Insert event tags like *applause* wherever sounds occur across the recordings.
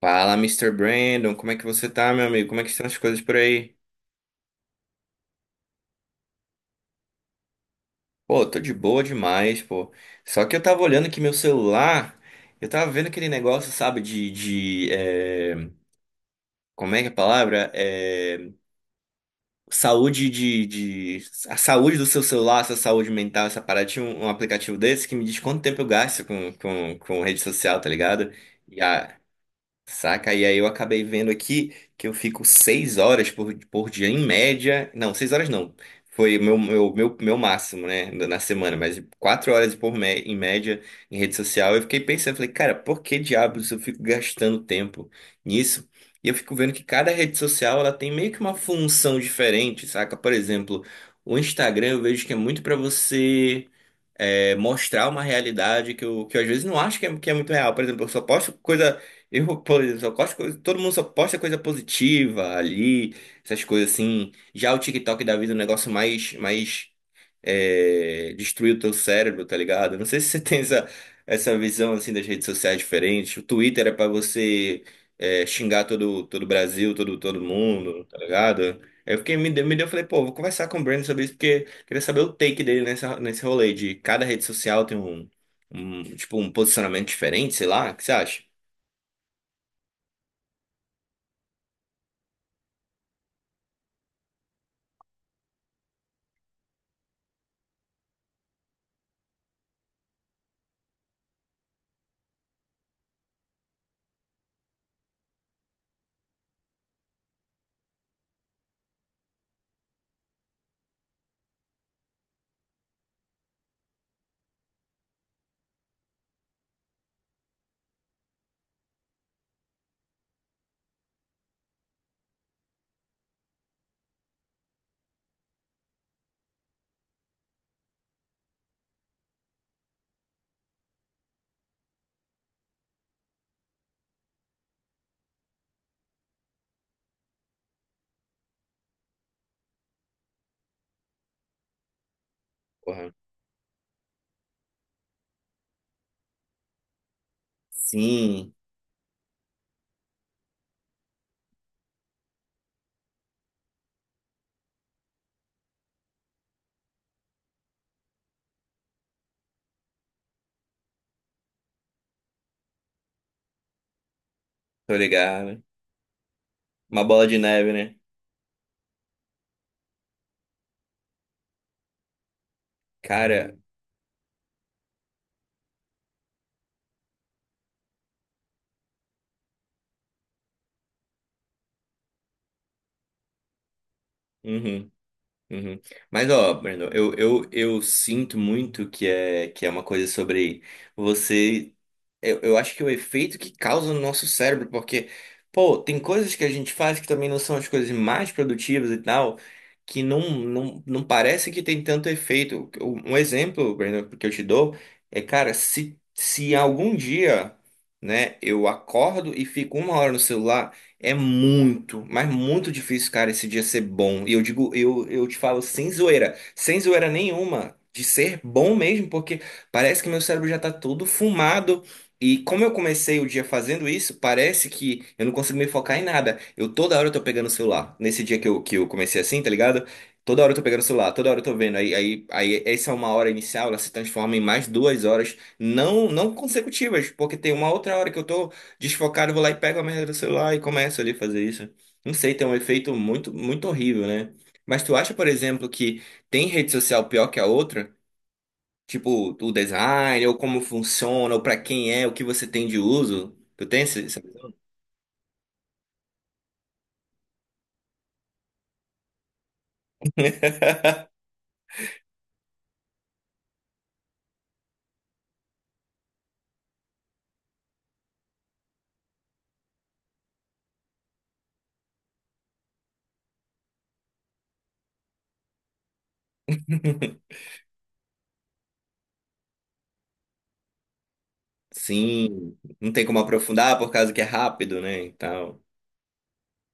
Fala, Mister Brandon, como é que você tá, meu amigo? Como é que estão as coisas por aí? Pô, tô de boa demais, pô. Só que eu tava olhando aqui meu celular, eu tava vendo aquele negócio, sabe, de, como é que é a palavra? Saúde de... A saúde do seu celular, sua saúde mental, essa parada. Tinha um aplicativo desse que me diz quanto tempo eu gasto com rede social, tá ligado? Saca? E aí eu acabei vendo aqui que eu fico seis horas por dia em média. Não, seis horas não. Foi o meu máximo, né? Na semana, mas quatro horas em média em rede social. Eu fiquei pensando, falei, cara, por que diabos eu fico gastando tempo nisso? E eu fico vendo que cada rede social ela tem meio que uma função diferente, saca? Por exemplo, o Instagram eu vejo que é muito para você mostrar uma realidade que eu às vezes não acho que é muito real. Por exemplo, eu só posto coisa. *laughs* Eu, por exemplo, só posto coisa, todo mundo só posta coisa positiva ali, essas coisas assim. Já o TikTok da vida é um negócio mais destruir o teu cérebro, tá ligado? Não sei se você *laughs* tem essa visão assim das redes sociais diferentes. O Twitter é pra você xingar todo o Brasil, todo mundo, tá ligado? Aí eu fiquei me deu, falei, pô, vou conversar com o Brandon sobre isso porque queria saber o take dele nessa nesse rolê de cada rede social tem um, um tipo um posicionamento diferente, sei lá. O que você acha? Porra. Sim, tô ligado. Uma bola de neve, né? Cara, uhum. Uhum. Mas ó, Brandon, eu sinto muito que é uma coisa sobre você. Eu acho que é o efeito que causa no nosso cérebro, porque, pô, tem coisas que a gente faz que também não são as coisas mais produtivas e tal, que não parece que tem tanto efeito. Um exemplo, Breno, que eu te dou é, cara, se algum dia, né, eu acordo e fico uma hora no celular, é muito, mas muito difícil, cara, esse dia ser bom. E eu digo, eu te falo sem zoeira, sem zoeira nenhuma. De ser bom mesmo, porque parece que meu cérebro já tá todo fumado, e como eu comecei o dia fazendo isso, parece que eu não consigo me focar em nada. Eu toda hora eu tô pegando o celular. Nesse dia que eu comecei assim, tá ligado? Toda hora eu tô pegando o celular, toda hora eu tô vendo. Aí essa é uma hora inicial, ela se transforma em mais duas horas, não consecutivas, porque tem uma outra hora que eu tô desfocado, eu vou lá e pego a merda do celular e começo ali a fazer isso. Não sei, tem um efeito muito, muito horrível, né? Mas tu acha, por exemplo, que tem rede social pior que a outra? Tipo, o design, ou como funciona, ou pra quem é, o que você tem de uso. Tu tem esse essa visão? *laughs* Sim, não tem como aprofundar por causa que é rápido, né? E tal.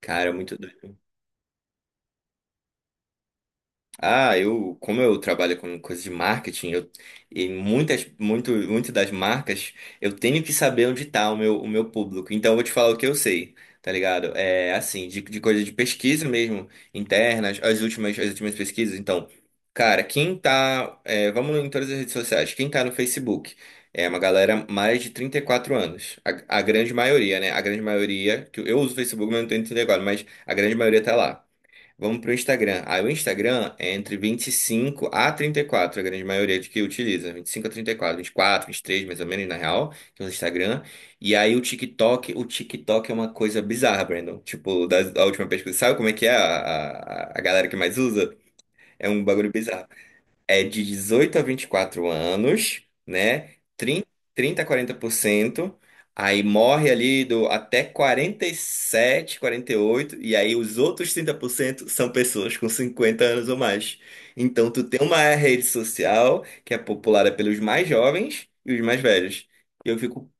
Cara, é muito doido. Ah, eu, como eu trabalho com coisas de marketing, eu, e muitas, muito das marcas, eu tenho que saber onde está o meu público. Então, eu vou te falar o que eu sei, tá ligado? É assim, de coisa de pesquisa mesmo, internas, as últimas pesquisas. Então, cara, quem tá, é, vamos em todas as redes sociais, quem tá no Facebook é uma galera mais de 34 anos. A grande maioria, né? A grande maioria, que eu uso o Facebook, mas não tenho 34, mas a grande maioria tá lá. Vamos para o Instagram. Aí o Instagram é entre 25 a 34 a grande maioria de que utiliza. Vinte e cinco a trinta e quatro, quatro, vinte e três, mais ou menos, na real, que é o Instagram. E aí o TikTok é uma coisa bizarra, Brandon. Tipo, da última pesquisa, sabe como é que é a galera que mais usa? É um bagulho bizarro é de 18 a 24 anos, né? 30 a quarenta por cento. Aí morre ali do até quarenta e sete, quarenta e oito e aí os outros 30% são pessoas com 50 anos ou mais. Então tu tem uma rede social que é populada pelos mais jovens e os mais velhos. E eu fico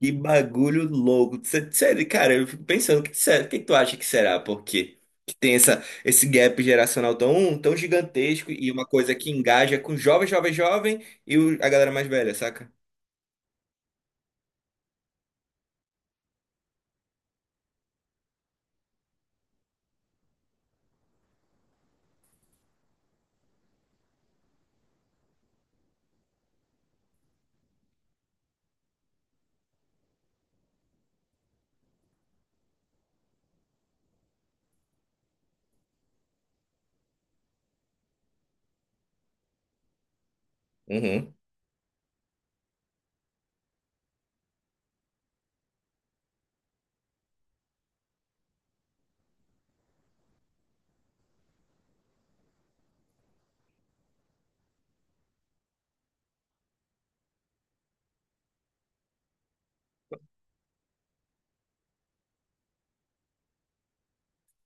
que bagulho louco. Sério, cara, eu fico pensando, o que, o que tu acha que será? Porque tem essa, esse gap geracional tão gigantesco e uma coisa que engaja com jovem, jovem e a galera mais velha, saca? Uhum.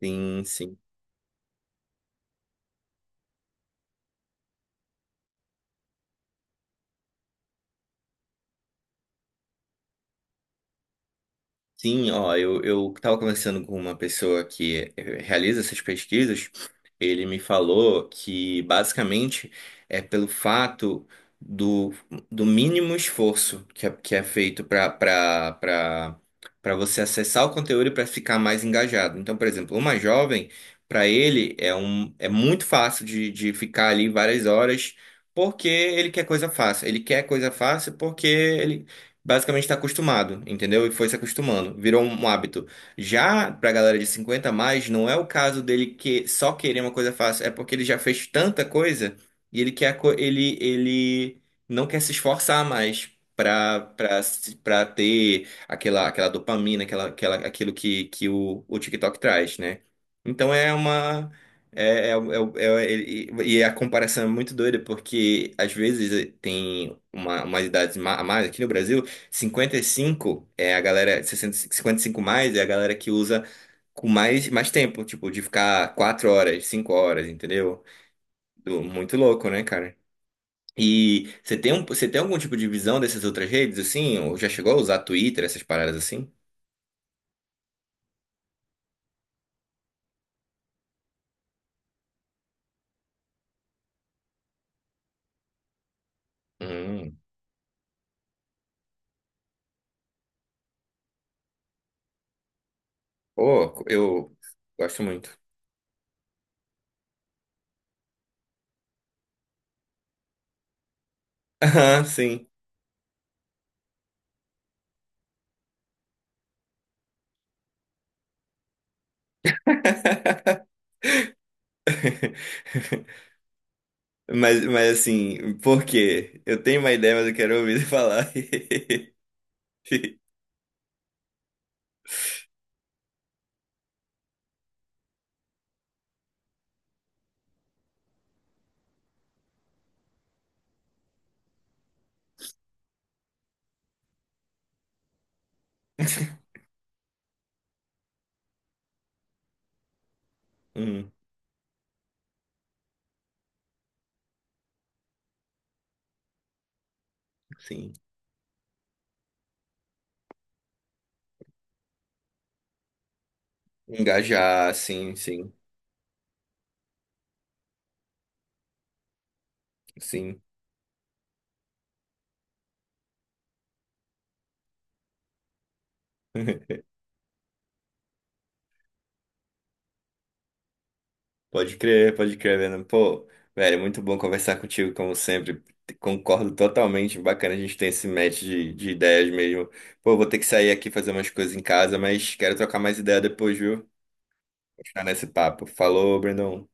Sim, sim. Sim, ó, eu estava conversando com uma pessoa que eh, realiza essas pesquisas. Ele me falou que basicamente é pelo fato do, do mínimo esforço que é feito para você acessar o conteúdo e para ficar mais engajado. Então, por exemplo, uma jovem, para ele é um é muito fácil de ficar ali várias horas porque ele quer coisa fácil. Ele quer coisa fácil porque ele basicamente está acostumado, entendeu? E foi se acostumando, virou um hábito. Já pra galera de 50 a mais, não é o caso dele que só querer uma coisa fácil, é porque ele já fez tanta coisa e ele quer a co- ele ele não quer se esforçar mais. Pra, pra, se- Pra ter aquela dopamina, aquilo que o TikTok traz, né? Então é uma. É, é, é, é- e e a comparação é muito doida, porque às vezes tem uma, a mais aqui no Brasil 55 é a galera, sessenta cinquenta e cinco mais é a galera que usa com mais tempo, tipo, de ficar 4 horas, 5 horas, entendeu? Muito louco, né, cara? E você tem, um, você tem algum tipo de visão dessas outras redes, assim? Ou já chegou a usar Twitter, essas paradas assim? Hum. Pô, eu gosto muito. *laughs* Aham, sim. *laughs* Mas assim, por quê? Eu tenho uma ideia, mas eu quero ouvir você falar. *laughs* Hum, sim. Engajar, sim, sim, sim. *laughs* Pode crer, Venom. Pô, velho, muito bom conversar contigo, como sempre. Concordo totalmente. Bacana a gente ter esse match de ideias mesmo. Pô, vou ter que sair aqui fazer umas coisas em casa, mas quero trocar mais ideia depois, viu? Continuar nesse papo. Falou, Brandon.